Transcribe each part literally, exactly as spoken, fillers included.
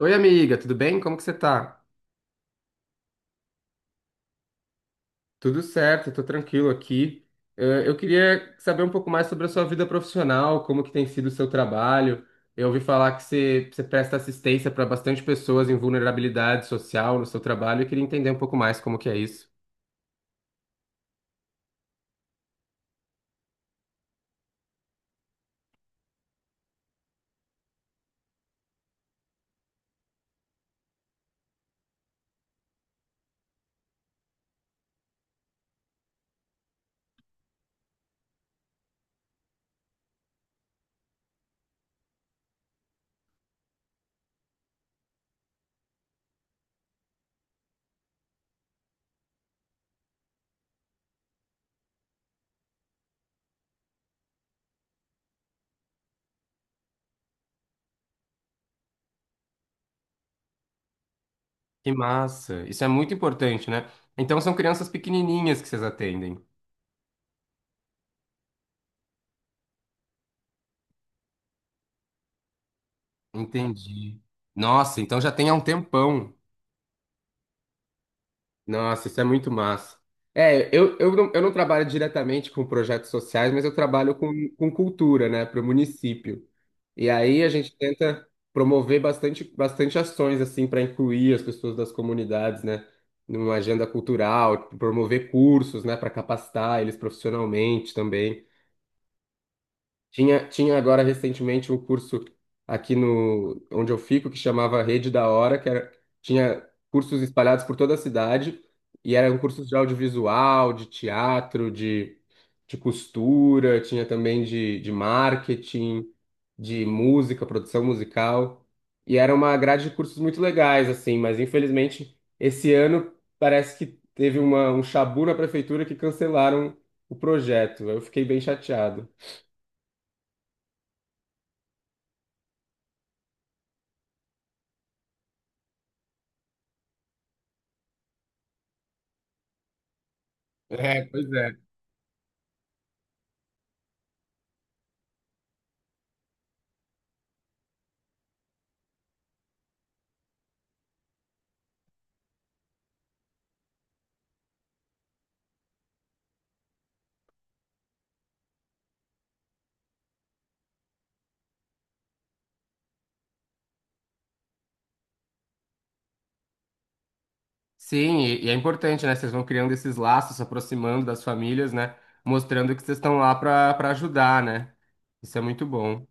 Oi, amiga, tudo bem? Como que você tá? Tudo certo, tô tranquilo aqui. Eh, Eu queria saber um pouco mais sobre a sua vida profissional, como que tem sido o seu trabalho. Eu ouvi falar que você, você presta assistência para bastante pessoas em vulnerabilidade social no seu trabalho. Eu queria entender um pouco mais como que é isso. Que massa! Isso é muito importante, né? Então são crianças pequenininhas que vocês atendem. Entendi. Nossa, então já tem há um tempão. Nossa, isso é muito massa. É, eu, eu, não, eu não trabalho diretamente com projetos sociais, mas eu trabalho com, com cultura, né, para o município. E aí a gente tenta promover bastante, bastante ações, assim, para incluir as pessoas das comunidades, né, numa agenda cultural, promover cursos, né, para capacitar eles profissionalmente também. Tinha, tinha agora recentemente um curso aqui no onde eu fico que chamava Rede da Hora, que era, tinha cursos espalhados por toda a cidade e eram cursos de audiovisual, de teatro, de, de costura, tinha também de, de marketing, de música, produção musical. E era uma grade de cursos muito legais, assim, mas infelizmente esse ano parece que teve uma, um chabu na prefeitura que cancelaram o projeto. Eu fiquei bem chateado. É, pois é. Sim, e, e é importante, né? Vocês vão criando esses laços, se aproximando das famílias, né? Mostrando que vocês estão lá para para ajudar, né? Isso é muito bom.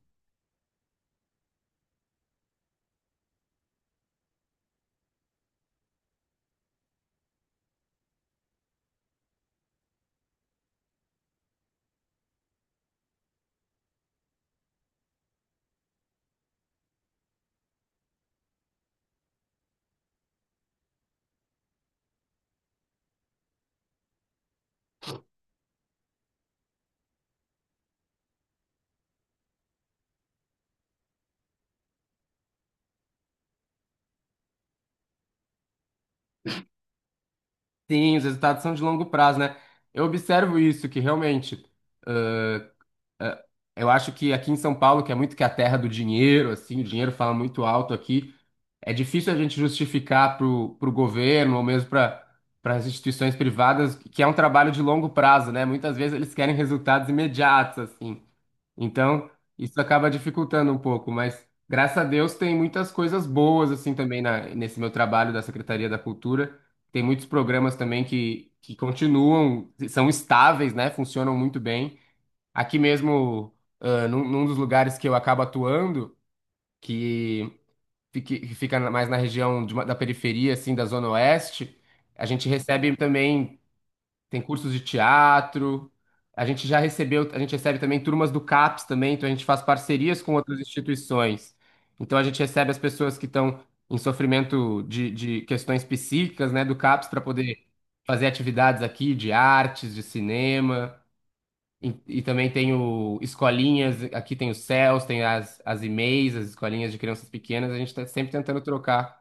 Sim, os resultados são de longo prazo, né? Eu observo isso, que realmente, ãh, ãh, eu acho que aqui em São Paulo, que é muito que a terra do dinheiro, assim, o dinheiro fala muito alto aqui, é difícil a gente justificar para o governo ou mesmo para para as instituições privadas que é um trabalho de longo prazo, né? Muitas vezes eles querem resultados imediatos, assim. Então, isso acaba dificultando um pouco, mas graças a Deus tem muitas coisas boas assim também na- nesse meu trabalho da Secretaria da Cultura. Tem muitos programas também que, que continuam, são estáveis, né? Funcionam muito bem. Aqui mesmo, ah, num, num dos lugares que eu acabo atuando, que, fique- que fica mais na região de uma- da periferia, assim, da Zona Oeste, a gente recebe também tem cursos de teatro. A gente já recebeu, a gente recebe também turmas do C A P S também, então a gente faz parcerias com outras instituições. Então a gente recebe as pessoas que estão em sofrimento de, de questões psíquicas, né, do C A P S para poder fazer atividades aqui de artes, de cinema. E, e também tem o escolinhas, aqui tem os céus, tem as, as, e-mails, as escolinhas de crianças pequenas. A gente está sempre tentando trocar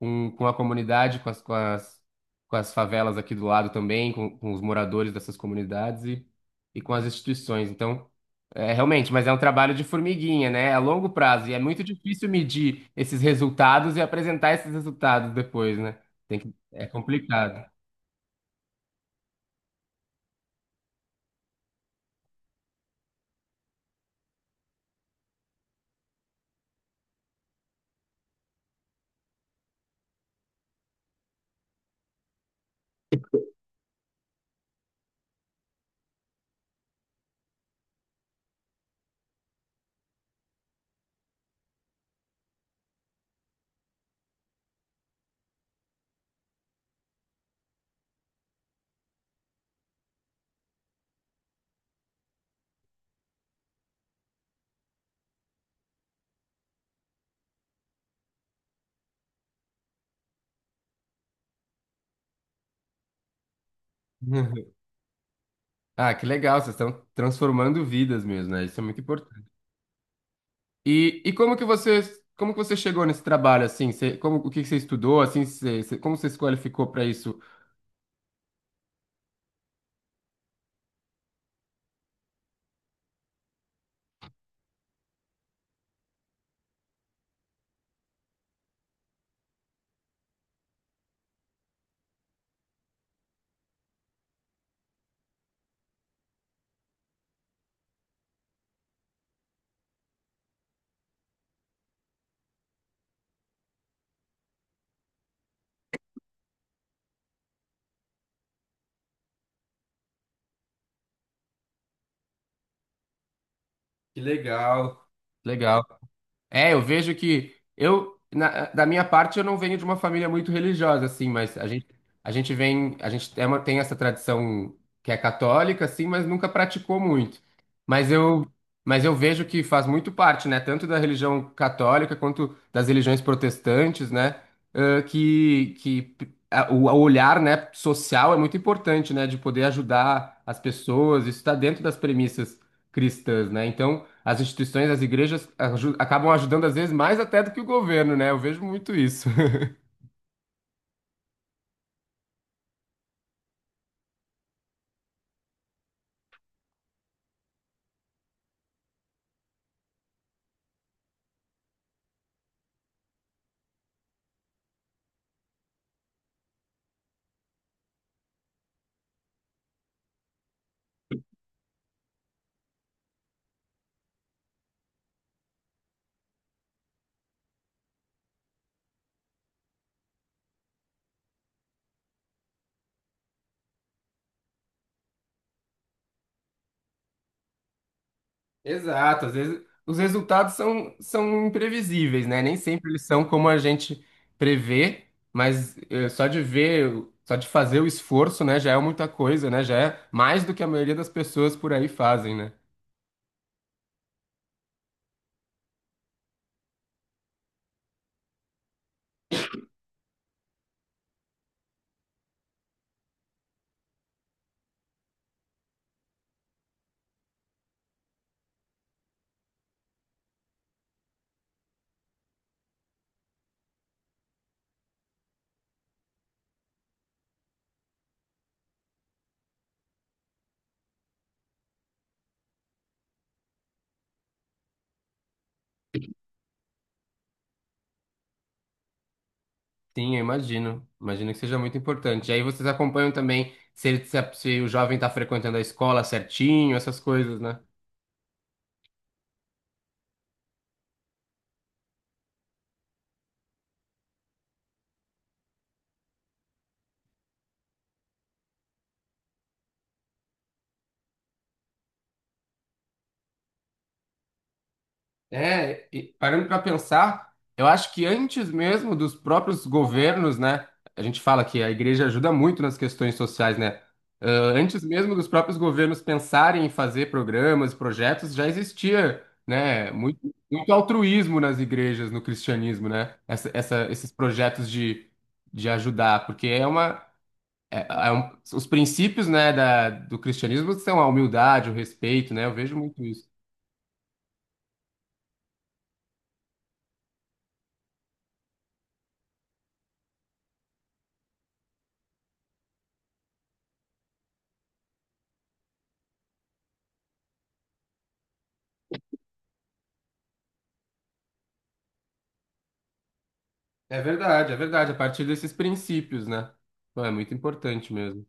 com, com a comunidade, com as, com as, com as favelas aqui do lado também, com, com os moradores dessas comunidades e, e com as instituições. Então, é, realmente, mas é um trabalho de formiguinha, né? É a longo prazo e é muito difícil medir esses resultados e apresentar esses resultados depois, né? Tem que, é complicado. Ah, que legal, vocês estão transformando vidas mesmo, né? Isso é muito importante. E, e como que você, como que você chegou nesse trabalho, assim? Você, como, o que que você estudou, assim? Você, você- como você se qualificou para isso? Que legal. Legal. É, eu vejo que eu, na- da minha parte, eu não venho de uma família muito religiosa, assim, mas a gente, a gente vem, a gente é uma- tem essa tradição que é católica, assim, mas nunca praticou muito. Mas eu, mas eu vejo que faz muito parte, né, tanto da religião católica quanto das religiões protestantes, né, ãh, que, que a- o, o olhar, né, social é muito importante, né, de poder ajudar as pessoas, isso está dentro das premissas cristãs, né, então. As instituições, as igrejas aju- acabam ajudando às vezes mais até do que o governo, né? Eu vejo muito isso. Exato, às vezes os resultados são, são imprevisíveis, né? Nem sempre eles são como a gente prevê, mas eh, só de ver, só de fazer o esforço, né, já é muita coisa, né? Já é mais do que a maioria das pessoas por aí fazem, né? Sim, eu imagino. Imagino que seja muito importante. E aí vocês acompanham também se, ele- se a- se o jovem está frequentando a escola certinho, essas coisas, né? É, e parando para pensar, eu acho que antes mesmo dos próprios governos, né? A gente fala que a igreja ajuda muito nas questões sociais, né? Ah, antes mesmo dos próprios governos pensarem em fazer programas, projetos, já existia, né? Muito, muito altruísmo nas igrejas, no cristianismo, né? Essa, essa- esses projetos de, de ajudar, porque é uma. É- é um- os princípios, né, da, do cristianismo são a humildade, o respeito, né? Eu vejo muito isso. É verdade, é verdade. A partir desses princípios, né? Pô, é muito importante mesmo.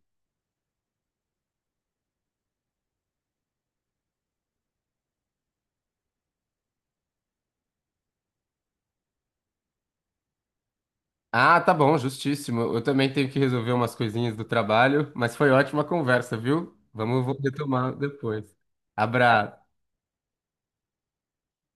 Ah, tá bom, justíssimo. Eu também tenho que resolver umas coisinhas do trabalho, mas foi ótima a conversa, viu? Vamos, vou retomar depois. Abraço.